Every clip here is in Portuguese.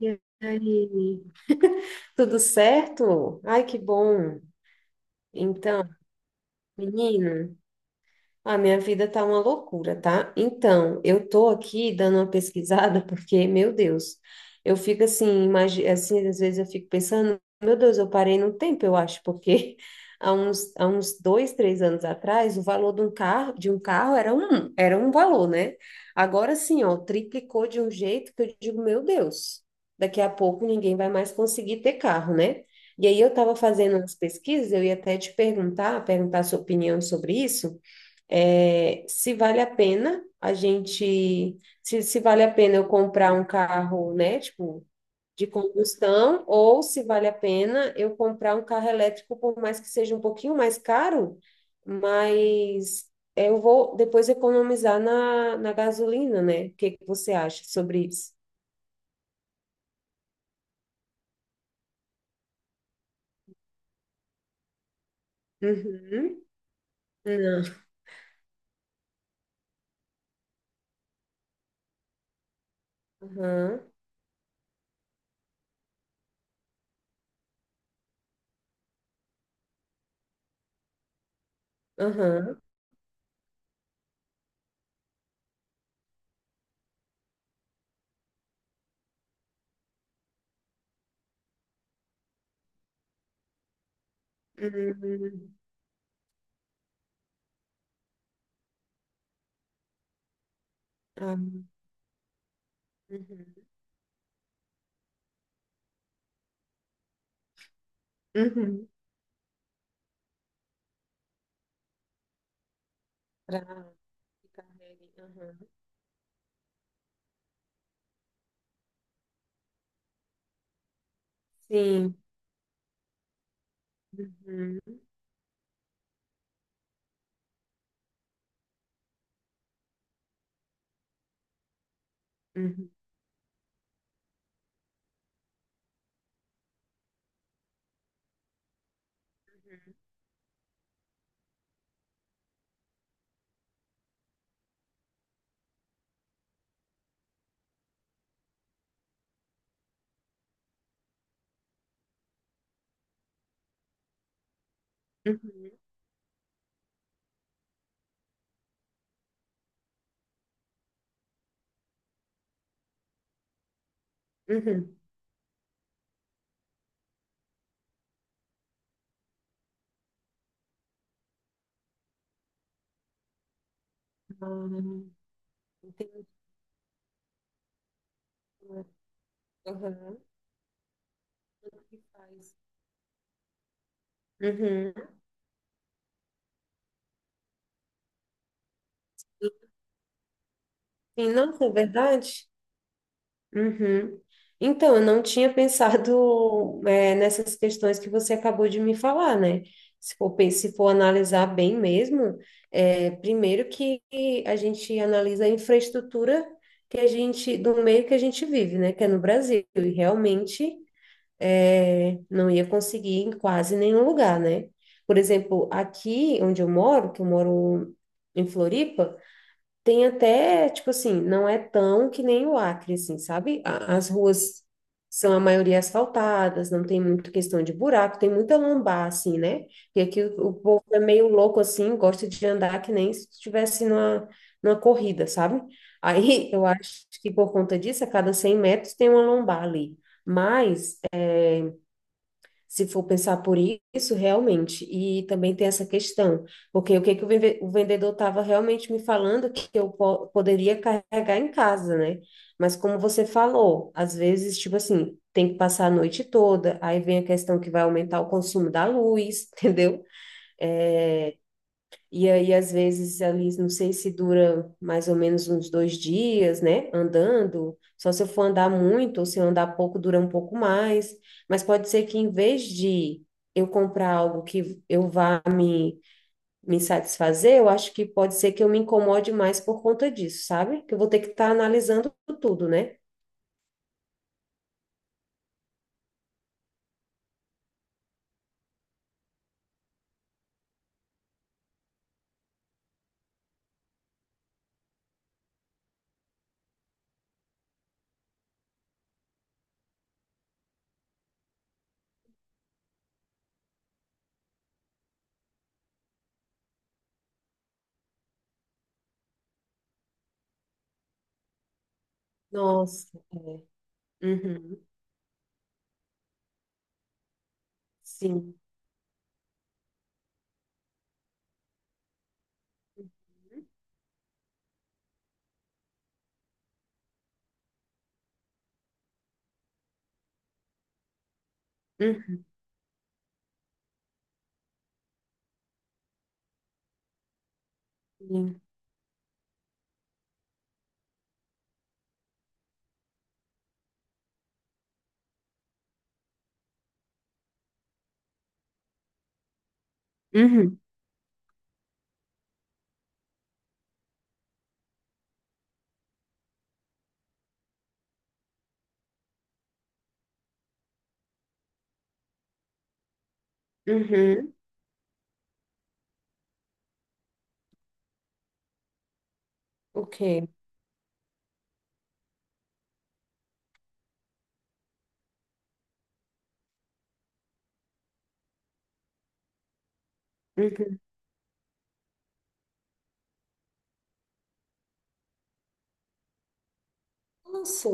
E aí, tudo certo? Ai, que bom. Então, menina. A minha vida tá uma loucura, tá? Então, eu tô aqui dando uma pesquisada porque, meu Deus, eu fico assim, assim, às vezes eu fico pensando, meu Deus, eu parei no tempo, eu acho, porque há uns 2, 3 anos atrás, o valor de um carro, era um valor, né? Agora sim, ó, triplicou de um jeito que eu digo, meu Deus, daqui a pouco ninguém vai mais conseguir ter carro, né? E aí eu estava fazendo umas pesquisas, eu ia até te perguntar sua opinião sobre isso é, se vale a pena a gente, se vale a pena eu comprar um carro, né, tipo, de combustão, ou se vale a pena eu comprar um carro elétrico, por mais que seja um pouquinho mais caro, mas eu vou depois economizar na gasolina, né? O que que você acha sobre isso? Uhum. Não. Aham. Aham. Uhum. Ah. Uhum. Uhum. Pra que carregue. Aham. Sim. Uhum, uhum, uhum, uhum. Hum, entendi. Uhum. Tudo que faz. Uhum. E não, é verdade? Uhum. Então, eu não tinha pensado, é, nessas questões que você acabou de me falar, né? Se for analisar bem mesmo, é, primeiro que a gente analisa a infraestrutura que a gente, do meio que a gente vive, né? Que é no Brasil. E realmente, é, não ia conseguir em quase nenhum lugar, né? Por exemplo, aqui onde eu moro, que eu moro em Floripa, tem até, tipo assim, não é tão que nem o Acre, assim, sabe? As ruas são a maioria asfaltadas, não tem muita questão de buraco, tem muita lombar, assim, né? E aqui o povo é meio louco, assim, gosta de andar que nem se estivesse numa corrida, sabe? Aí eu acho que por conta disso, a cada 100 metros tem uma lombar ali. Mas se for pensar por isso, realmente. E também tem essa questão, porque o que que o vendedor estava realmente me falando que eu poderia carregar em casa, né? Mas como você falou, às vezes, tipo assim, tem que passar a noite toda, aí vem a questão que vai aumentar o consumo da luz, entendeu? É, e aí, às vezes, ali, não sei se dura mais ou menos uns 2 dias, né? Andando. Só se eu for andar muito ou se eu andar pouco, dura um pouco mais. Mas pode ser que, em vez de eu comprar algo que eu vá me satisfazer, eu acho que pode ser que eu me incomode mais por conta disso, sabe? Que eu vou ter que estar analisando tudo, né? Nossa, é. Uhum. Sim. Uhum. Uhum. Uhum. Ok. Uhum. Nossa.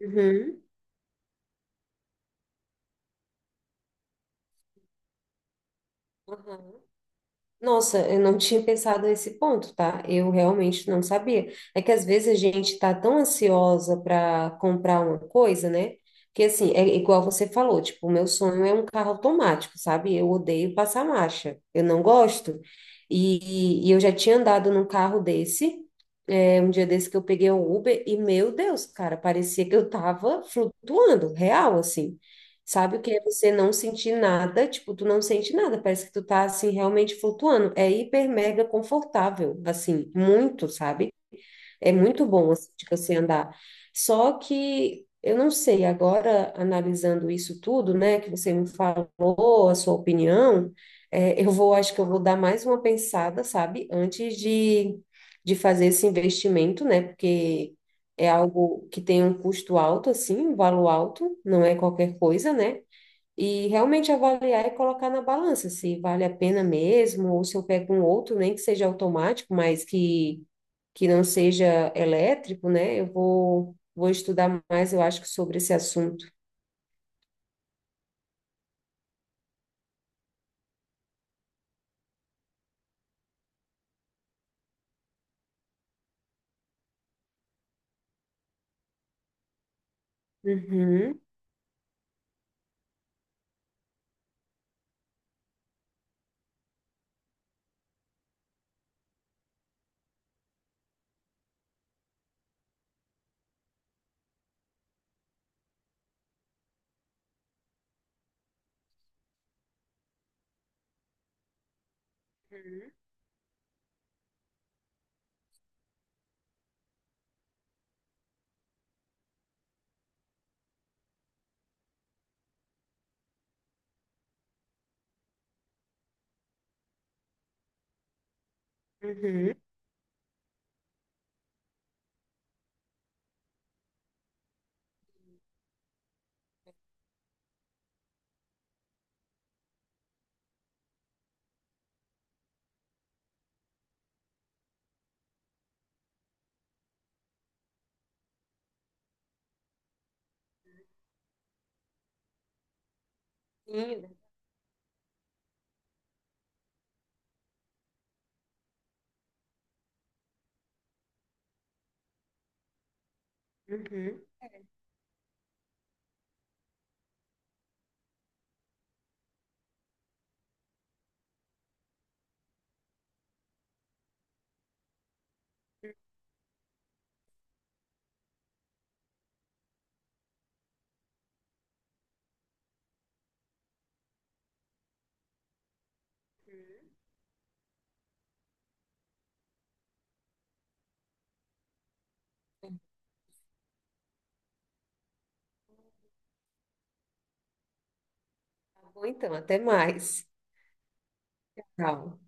Uhum. Uhum. Nossa, eu não tinha pensado nesse ponto, tá? Eu realmente não sabia. É que às vezes a gente tá tão ansiosa para comprar uma coisa, né? Que assim, é igual você falou, tipo, o meu sonho é um carro automático, sabe? Eu odeio passar marcha, eu não gosto. E eu já tinha andado num carro desse, é, um dia desse que eu peguei um Uber e, meu Deus, cara, parecia que eu tava flutuando, real, assim. Sabe o que é você não sentir nada? Tipo, tu não sente nada, parece que tu tá, assim, realmente flutuando. É hiper mega confortável, assim, muito, sabe? É muito bom, assim, de você andar. Só que eu não sei, agora analisando isso tudo, né, que você me falou, a sua opinião, é, acho que eu vou dar mais uma pensada, sabe, antes de fazer esse investimento, né, porque é algo que tem um custo alto, assim, um valor alto, não é qualquer coisa, né? E realmente avaliar e colocar na balança se vale a pena mesmo, ou se eu pego um outro, nem que seja automático, mas que não seja elétrico, né? Eu vou estudar mais, eu acho, que sobre esse assunto. Uhum, uhum, uhum. Sim, né? Uhum. Tá bom, então, até mais. Tchau.